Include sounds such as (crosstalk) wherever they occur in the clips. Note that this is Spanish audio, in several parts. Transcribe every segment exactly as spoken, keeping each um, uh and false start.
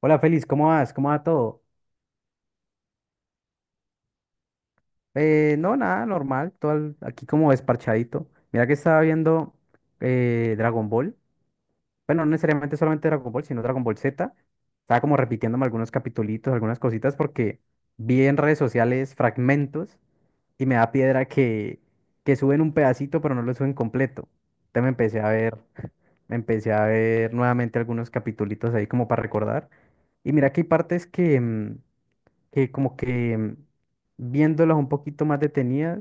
Hola Félix, ¿cómo vas? ¿Cómo va todo? Eh, no, nada, normal, todo al- aquí como desparchadito. Mira que estaba viendo eh, Dragon Ball. Bueno, no necesariamente solamente Dragon Ball, sino Dragon Ball Z. Estaba como repitiéndome algunos capitulitos, algunas cositas, porque vi en redes sociales fragmentos y me da piedra que, que suben un pedacito, pero no lo suben completo. Entonces me empecé a ver, (laughs) me empecé a ver nuevamente algunos capitulitos ahí como para recordar. Y mira que hay partes que, mm, que como que mm, viéndolas un poquito más detenidas,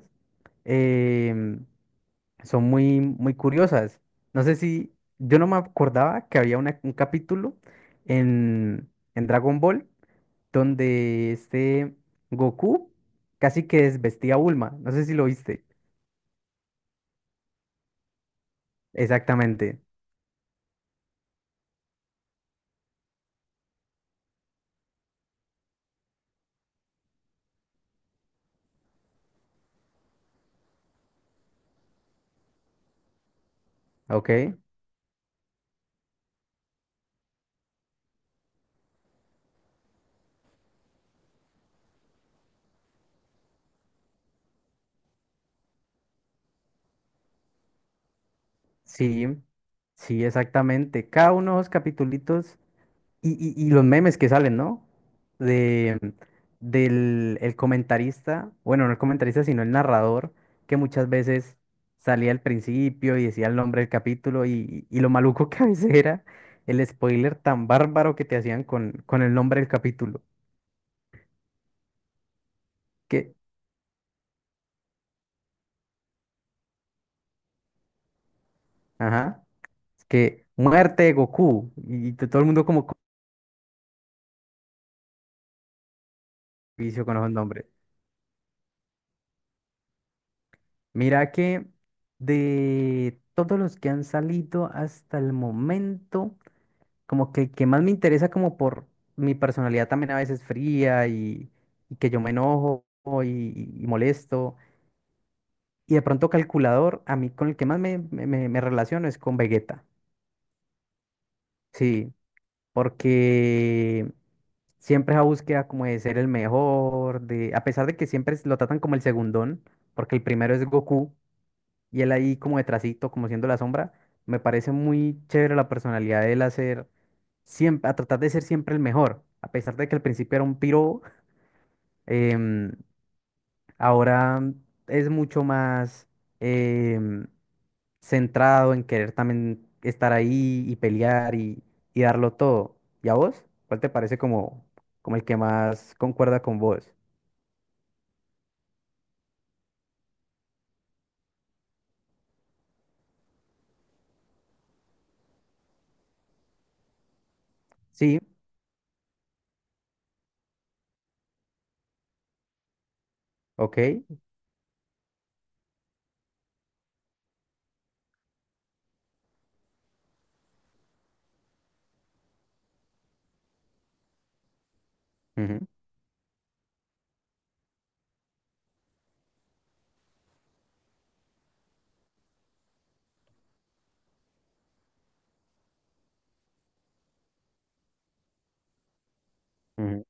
em, son muy, muy curiosas. No sé si, yo no me acordaba que había una- un capítulo en, en Dragon Ball donde este Goku casi que desvestía a Bulma. No sé si lo viste. Exactamente. Ok. Sí, sí, exactamente. Cada uno de los capítulos. Y, y- y los memes que salen, ¿no? De, Del el comentarista, bueno, no el comentarista, sino el narrador, que muchas veces salía al principio y decía el nombre del capítulo y, y lo maluco que a veces era el spoiler tan bárbaro que te hacían con, con el nombre del capítulo. Que, ajá, que muerte de Goku y, t- todo el mundo como con vicio con esos nombres. Mira que de todos los que han salido hasta el momento, como que el que más me interesa como por mi personalidad también a veces fría y, y que yo me enojo y, y molesto. Y de pronto calculador, a mí con el que más me, me, me- me relaciono es con Vegeta. Sí, porque siempre esa búsqueda como de ser el mejor, de, a pesar de que siempre es- lo tratan como el segundón, porque el primero es Goku y él ahí como detrásito, como siendo la sombra. Me parece muy chévere la personalidad de él hacer siempre, a tratar de ser siempre el mejor. A pesar de que al principio era un piro, em, ahora es mucho más em, centrado en querer también estar ahí y pelear y, y darlo todo. ¿Y a vos? ¿Cuál te parece como, como el que más concuerda con vos? Sí, ok. Ujú, ujú.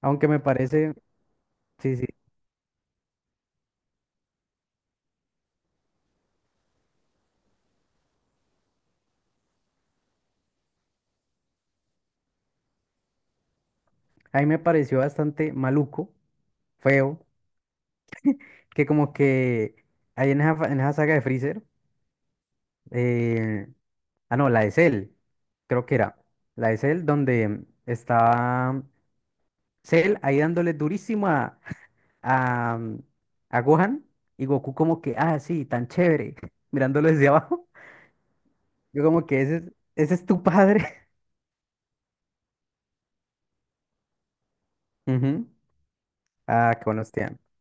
Aunque me parece, sí, sí, a mí me pareció bastante maluco, feo, que como que ahí en esa, fa- en esa saga de Freezer, eh, ah, no, la de Cell, creo que era. La de Cell donde estaba Cell ahí dándole durísimo a, a, a Gohan y Goku como que, ah, sí, tan chévere, (laughs) mirándolo desde abajo. (laughs) Yo como que ese, es- ese es tu padre. (laughs) Ujú. Ah, qué buenos tiempos.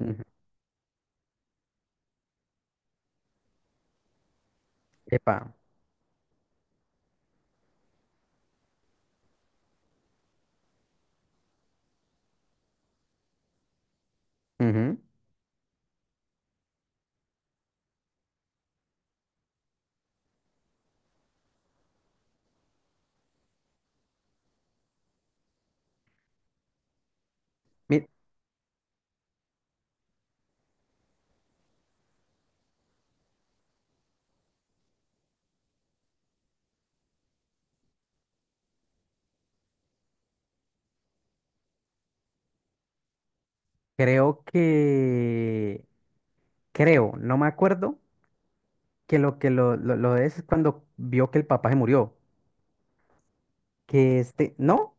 Ujú. Epa. Ujú. Mi- Creo que, creo, no me acuerdo, que lo que lo, lo, lo es cuando vio que el papá se murió. Que este, ¿no?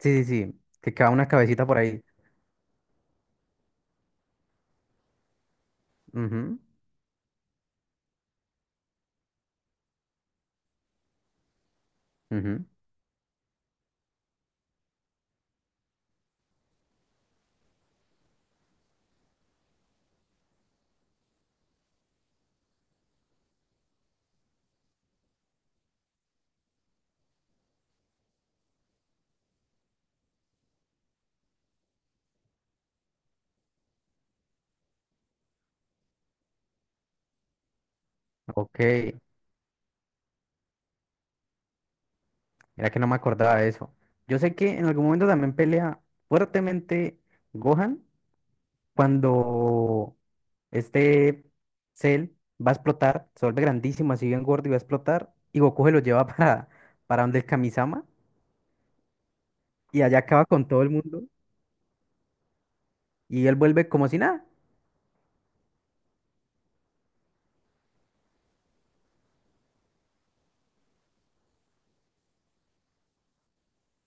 Sí, sí, sí, que queda una cabecita por ahí. Ujú, ujú. Ok, era que no me acordaba de eso. Yo sé que en algún momento también pelea fuertemente Gohan cuando este Cell va a explotar, se vuelve grandísimo, así bien gordo y va a explotar, y Goku se lo lleva (laughs) para, para donde el Kamisama, y allá acaba con todo el mundo, y él vuelve como si nada.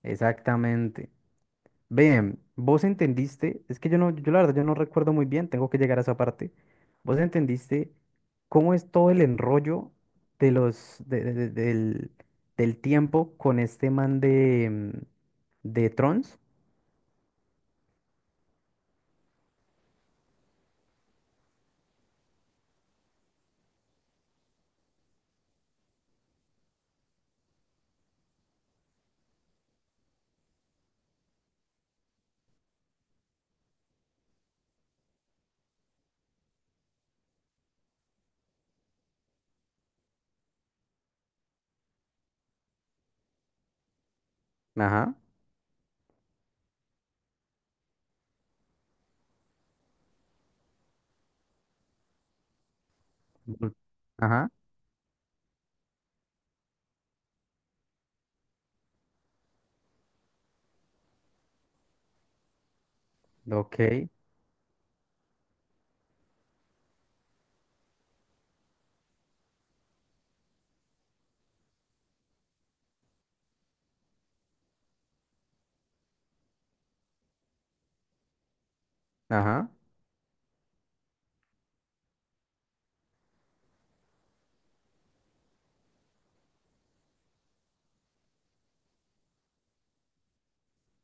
Exactamente. Ven, vos entendiste, es que yo no, yo la verdad, yo no recuerdo muy bien, tengo que llegar a esa parte. Vos entendiste cómo es todo el enrollo de los, de- de- de- del, del tiempo con este man de, mm, de Trons. Ajá. Ujú. Ajá. Ok. Ajá.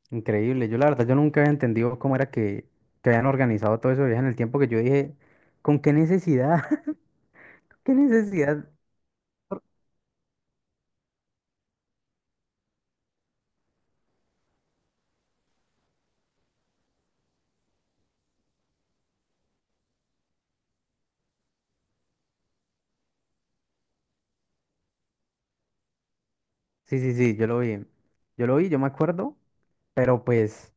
Increíble. Yo la verdad, yo nunca había entendido cómo era que, que habían organizado todo eso de viaje en el tiempo que yo dije, ¿con qué necesidad? (laughs) ¿Qué necesidad? Sí, sí, sí, yo lo vi. Yo lo vi, yo me acuerdo, pero pues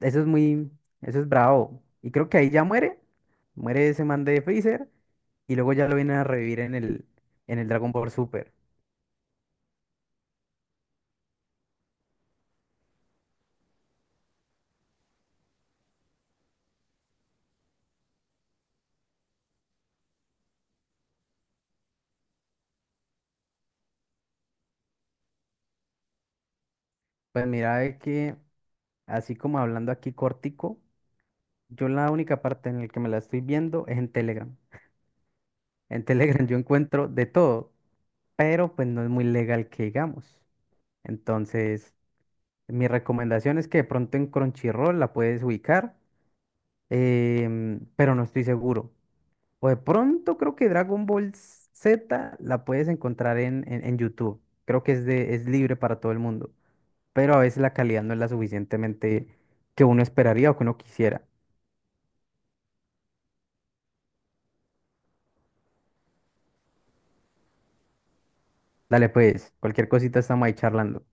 eso es muy, eso es bravo. Y creo que ahí ya muere, muere ese man de Freezer y luego ya lo vienen a revivir en el, en el Dragon Ball Super. Pues mira, es que así como hablando aquí cortico, yo la única parte en la que me la estoy viendo es en Telegram. En (laughs) Telegram yo encuentro de todo, pero pues no es muy legal que digamos. Entonces, mi recomendación es que de pronto en Crunchyroll la puedes ubicar, em, pero no estoy seguro. O de pronto creo que Dragon Ball Z la puedes encontrar en, en, en YouTube. Creo que es, de, es libre para todo el mundo, pero a veces la calidad no es la suficientemente que uno esperaría o que uno quisiera. Dale pues, cualquier cosita estamos ahí charlando.